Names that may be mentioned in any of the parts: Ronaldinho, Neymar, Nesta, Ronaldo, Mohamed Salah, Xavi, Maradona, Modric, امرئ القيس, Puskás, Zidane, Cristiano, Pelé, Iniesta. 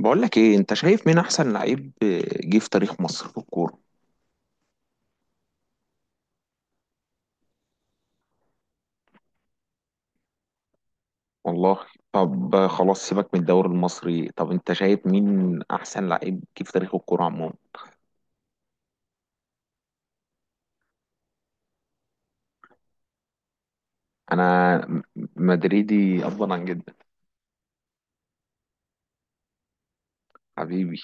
بقول لك ايه؟ انت شايف مين احسن لعيب جه في تاريخ مصر في الكوره؟ والله، طب خلاص، سيبك من الدوري المصري. طب انت شايف مين احسن لعيب جه في تاريخ الكوره عموما؟ انا م- مدريدي افضل عن جدا. حبيبي،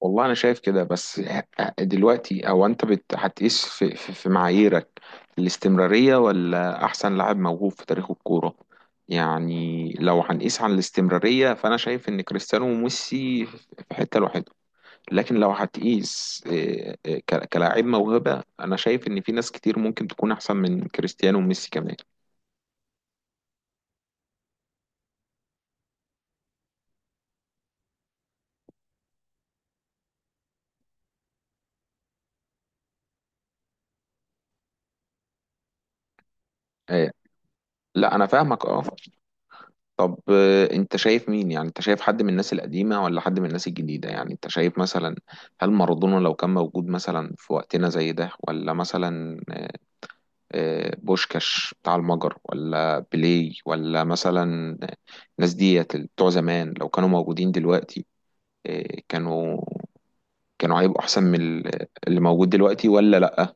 والله انا شايف كده. بس دلوقتي، او هتقيس في معاييرك؟ الاستمراريه ولا احسن لاعب موهوب في تاريخ الكوره؟ يعني لو هنقيس على الاستمراريه، فانا شايف ان كريستيانو وميسي في حته لوحدهم. لكن لو هتقيس كلاعب موهبة، أنا شايف إن في ناس كتير ممكن تكون أحسن من كريستيانو وميسي كمان. إيه، لا أنا فاهمك، أه. طب آه، أنت شايف مين؟ يعني أنت شايف حد من الناس القديمة ولا حد من الناس الجديدة؟ يعني أنت شايف مثلا هل مارادونا لو كان موجود مثلا في وقتنا زي ده، ولا مثلا بوشكاش بتاع المجر، ولا بيليه، ولا مثلا الناس ديت بتوع زمان لو كانوا موجودين دلوقتي، آه، كانوا كانوا هيبقوا احسن اللي موجود دلوقتي ولا لا؟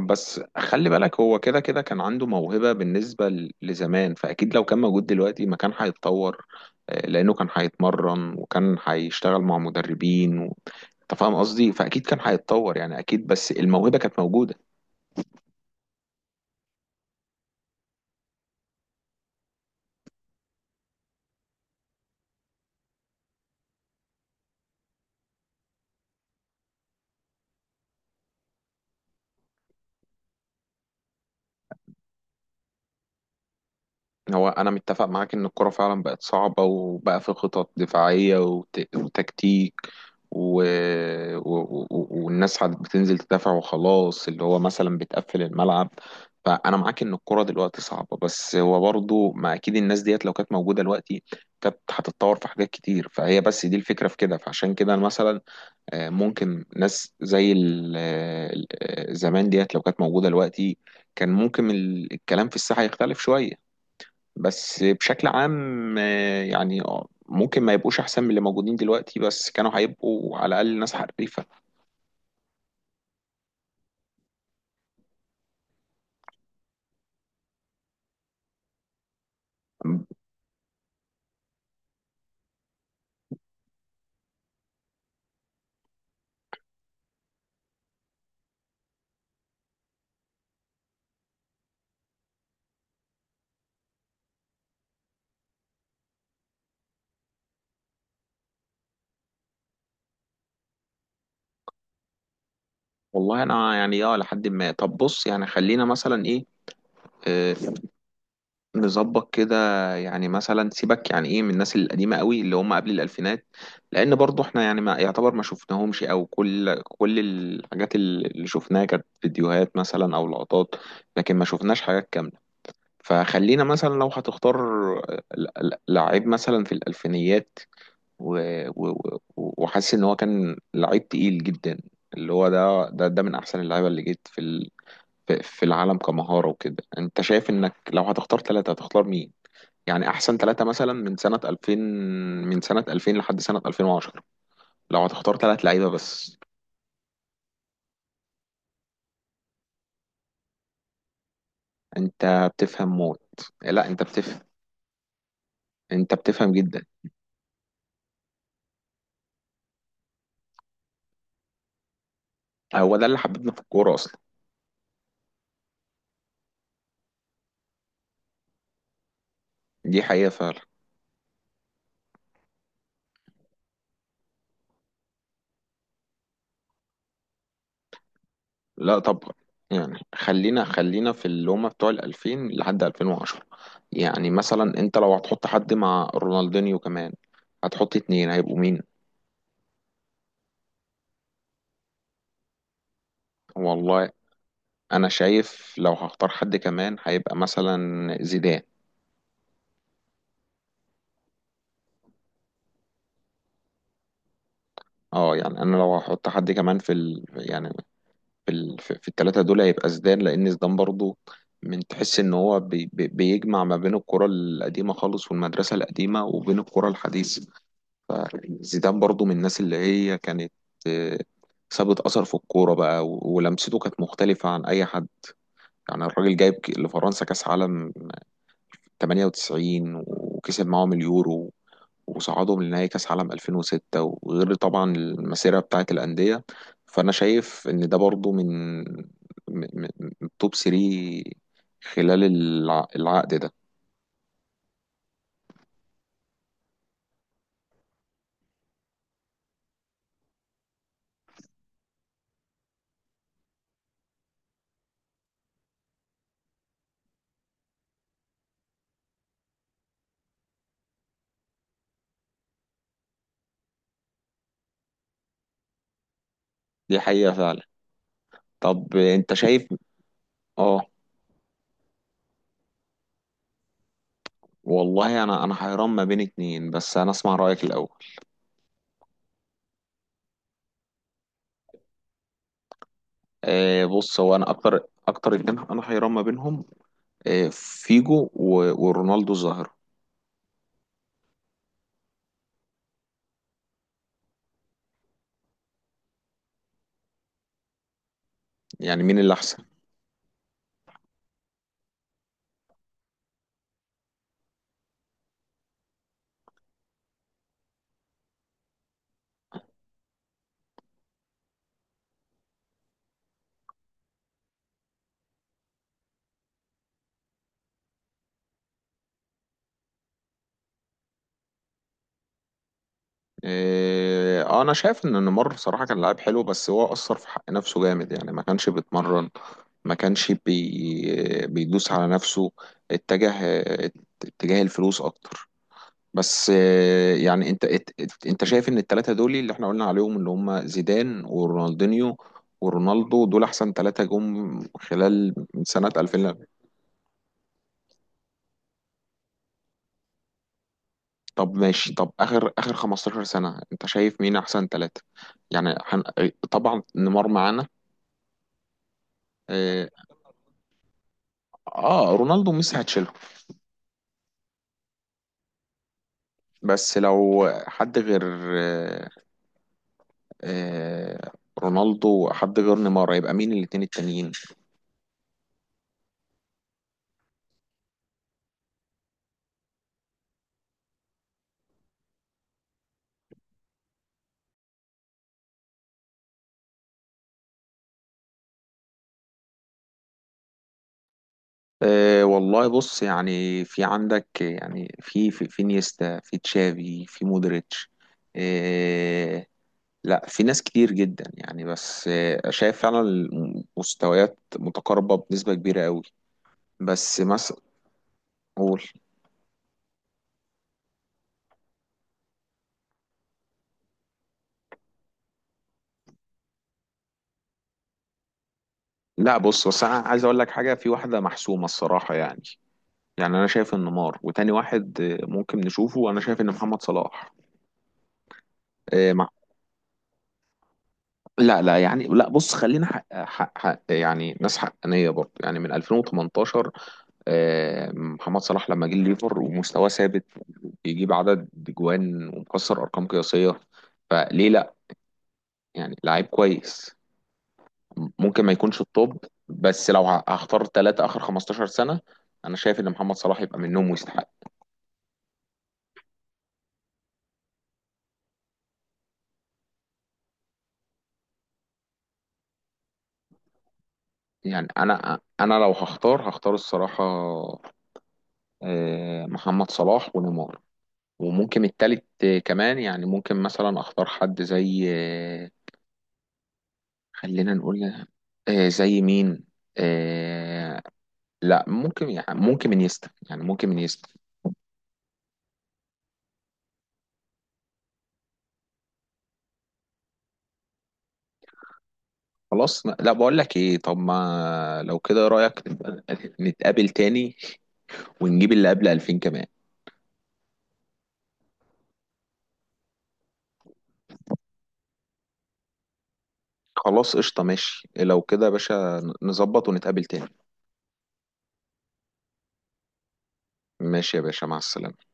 بس خلي بالك، هو كده كده كان عنده موهبة بالنسبة لزمان. فاكيد لو كان موجود دلوقتي ما كان هيتطور؟ آه، لانه كان هيتمرن وكان هيشتغل مع مدربين انت فاهم قصدي؟ فاكيد كان هيتطور، يعني اكيد، بس الموهبة كانت موجودة. هو انا متفق معاك ان الكرة فعلا بقت صعبة، وبقى في خطط دفاعية وتكتيك، و... والناس عاد بتنزل تدافع وخلاص، اللي هو مثلا بتقفل الملعب. فانا معاك ان الكرة دلوقتي صعبة، بس هو برضو ما اكيد الناس ديت لو كانت موجودة دلوقتي كانت هتتطور في حاجات كتير، فهي بس دي الفكرة في كده. فعشان كده مثلا، آه، ممكن ناس زي زمان ديت لو كانت موجودة دلوقتي، كان ممكن الكلام في الساحة يختلف شوية. بس بشكل عام آه، يعني آه، ممكن ما يبقوش احسن من اللي موجودين دلوقتي، بس كانوا هيبقوا على الاقل ناس حريفه. والله انا يعني اه لحد ما، طب بص، يعني خلينا مثلا ايه، آه، نظبط كده. يعني مثلا سيبك، يعني ايه من الناس القديمه قوي اللي هم قبل الالفينات؟ لان برضو احنا يعني ما يعتبر ما شفناهمش، او كل الحاجات اللي شفناها كانت فيديوهات مثلا او لقطات، لكن ما شفناش حاجات. فخلينا مثلا لو هتختار لعيب مثلا في الألفينيات، و... و... وحاسس إن هو كان لعيب تقيل جدا، اللي هو ده من أحسن اللعيبة اللي جيت في في العالم كمهارة وكده. أنت شايف إنك لو هتختار ثلاثة هتختار مين؟ يعني أحسن ثلاثة مثلا من سنة 2000، من سنة 2000 لحد سنة 2010، لو هتختار ثلاث لعيبة بس. أنت بتفهم موت. لا، أنت بتفهم. أنت بتفهم جدا. هو ده اللي حببنا في الكورة أصلا. دي حقيقة فعلا. لا طب، يعني خلينا في اللي هما بتوع ال 2000 لحد 2010، يعني مثلا انت لو هتحط حد مع رونالدينيو كمان، هتحط اتنين هيبقوا مين؟ والله، انا شايف لو هختار حد كمان هيبقى مثلا زيدان. اه يعني انا لو هحط حد كمان يعني في في التلاتة دول، هيبقى زيدان، لان زيدان برضو من تحس ان هو بيجمع ما بين الكرة القديمة خالص والمدرسة القديمة وبين الكرة الحديثة. زيدان برضو من الناس اللي هي كانت آه، سابت أثر في الكورة بقى، ولمسته كانت مختلفة عن أي حد. يعني الراجل جايب لفرنسا كأس عالم 98، وكسب معاهم اليورو، وصعدهم لنهائي كأس عالم 2006، وغير طبعا المسيرة بتاعة الأندية. فأنا شايف إن ده برضو من من- من توب 3 خلال العقد ده. دي حقيقة فعلا. طب أنت شايف؟ آه، والله انا حيران ما بين اتنين، بس انا اسمع رايك الاول. آه بص، هو انا اكتر اكتر اتنين انا حيران ما بينهم، آه، فيجو ورونالدو الظاهره. يعني مين اللي احسن؟ آه، انا شايف ان نيمار صراحه كان لاعب حلو، بس هو اثر في حق نفسه جامد. يعني ما كانش بيتمرن، ما كانش بي بيدوس على نفسه، اتجه اتجاه الفلوس اكتر. بس آه، يعني انت شايف ان الثلاثه دول اللي احنا قلنا عليهم، اللي هم زيدان ورونالدينيو ورونالدو، دول احسن ثلاثه جم خلال من سنه 2000؟ طب ماشي. طب اخر اخر 15 سنه انت شايف مين احسن ثلاثه؟ يعني هن... طبعا نيمار معانا. اه، آه، رونالدو وميسي هتشيلهم. بس لو حد غير آه آه رونالدو، حد غير نيمار، هيبقى مين الاتنين التانيين؟ أه والله بص، يعني في عندك يعني في في نيستا، في تشافي، في مودريتش. أه لا، في ناس كتير جدا يعني. بس أه شايف فعلا المستويات متقاربة بنسبة كبيرة قوي. بس مثلا قول. لا بص، بس انا عايز اقول لك حاجة، في واحدة محسومة الصراحة يعني. يعني انا شايف ان نيمار، وتاني واحد آه، ممكن نشوفه، انا شايف ان محمد صلاح. آه، مع... لا لا يعني لا، بص خلينا حق يعني ناس حقانية برضه. يعني من 2018 آه، محمد صلاح لما جه الليفر، ومستواه ثابت، بيجيب عدد جوان، ومكسر ارقام قياسيه، فليه لا؟ يعني لعيب كويس، ممكن ما يكونش الطب، بس لو هختار ثلاثه اخر 15 سنه، انا شايف ان محمد صلاح يبقى منهم ويستحق. يعني انا لو هختار، هختار الصراحه آه، محمد صلاح ونيمار، وممكن التالت آه، كمان، يعني ممكن مثلا اختار حد زي آه، خلينا نقول آه، زي مين؟ آه، لا ممكن، يعني ممكن انيستا، يعني ممكن انيستا. خلاص، لا بقول لك ايه، طب ما لو كده رايك نبقى نتقابل تاني، ونجيب اللي قبل 2000 كمان. خلاص قشطة، ماشي لو كده يا باشا، نظبط ونتقابل تاني. ماشي يا باشا، مع السلامة.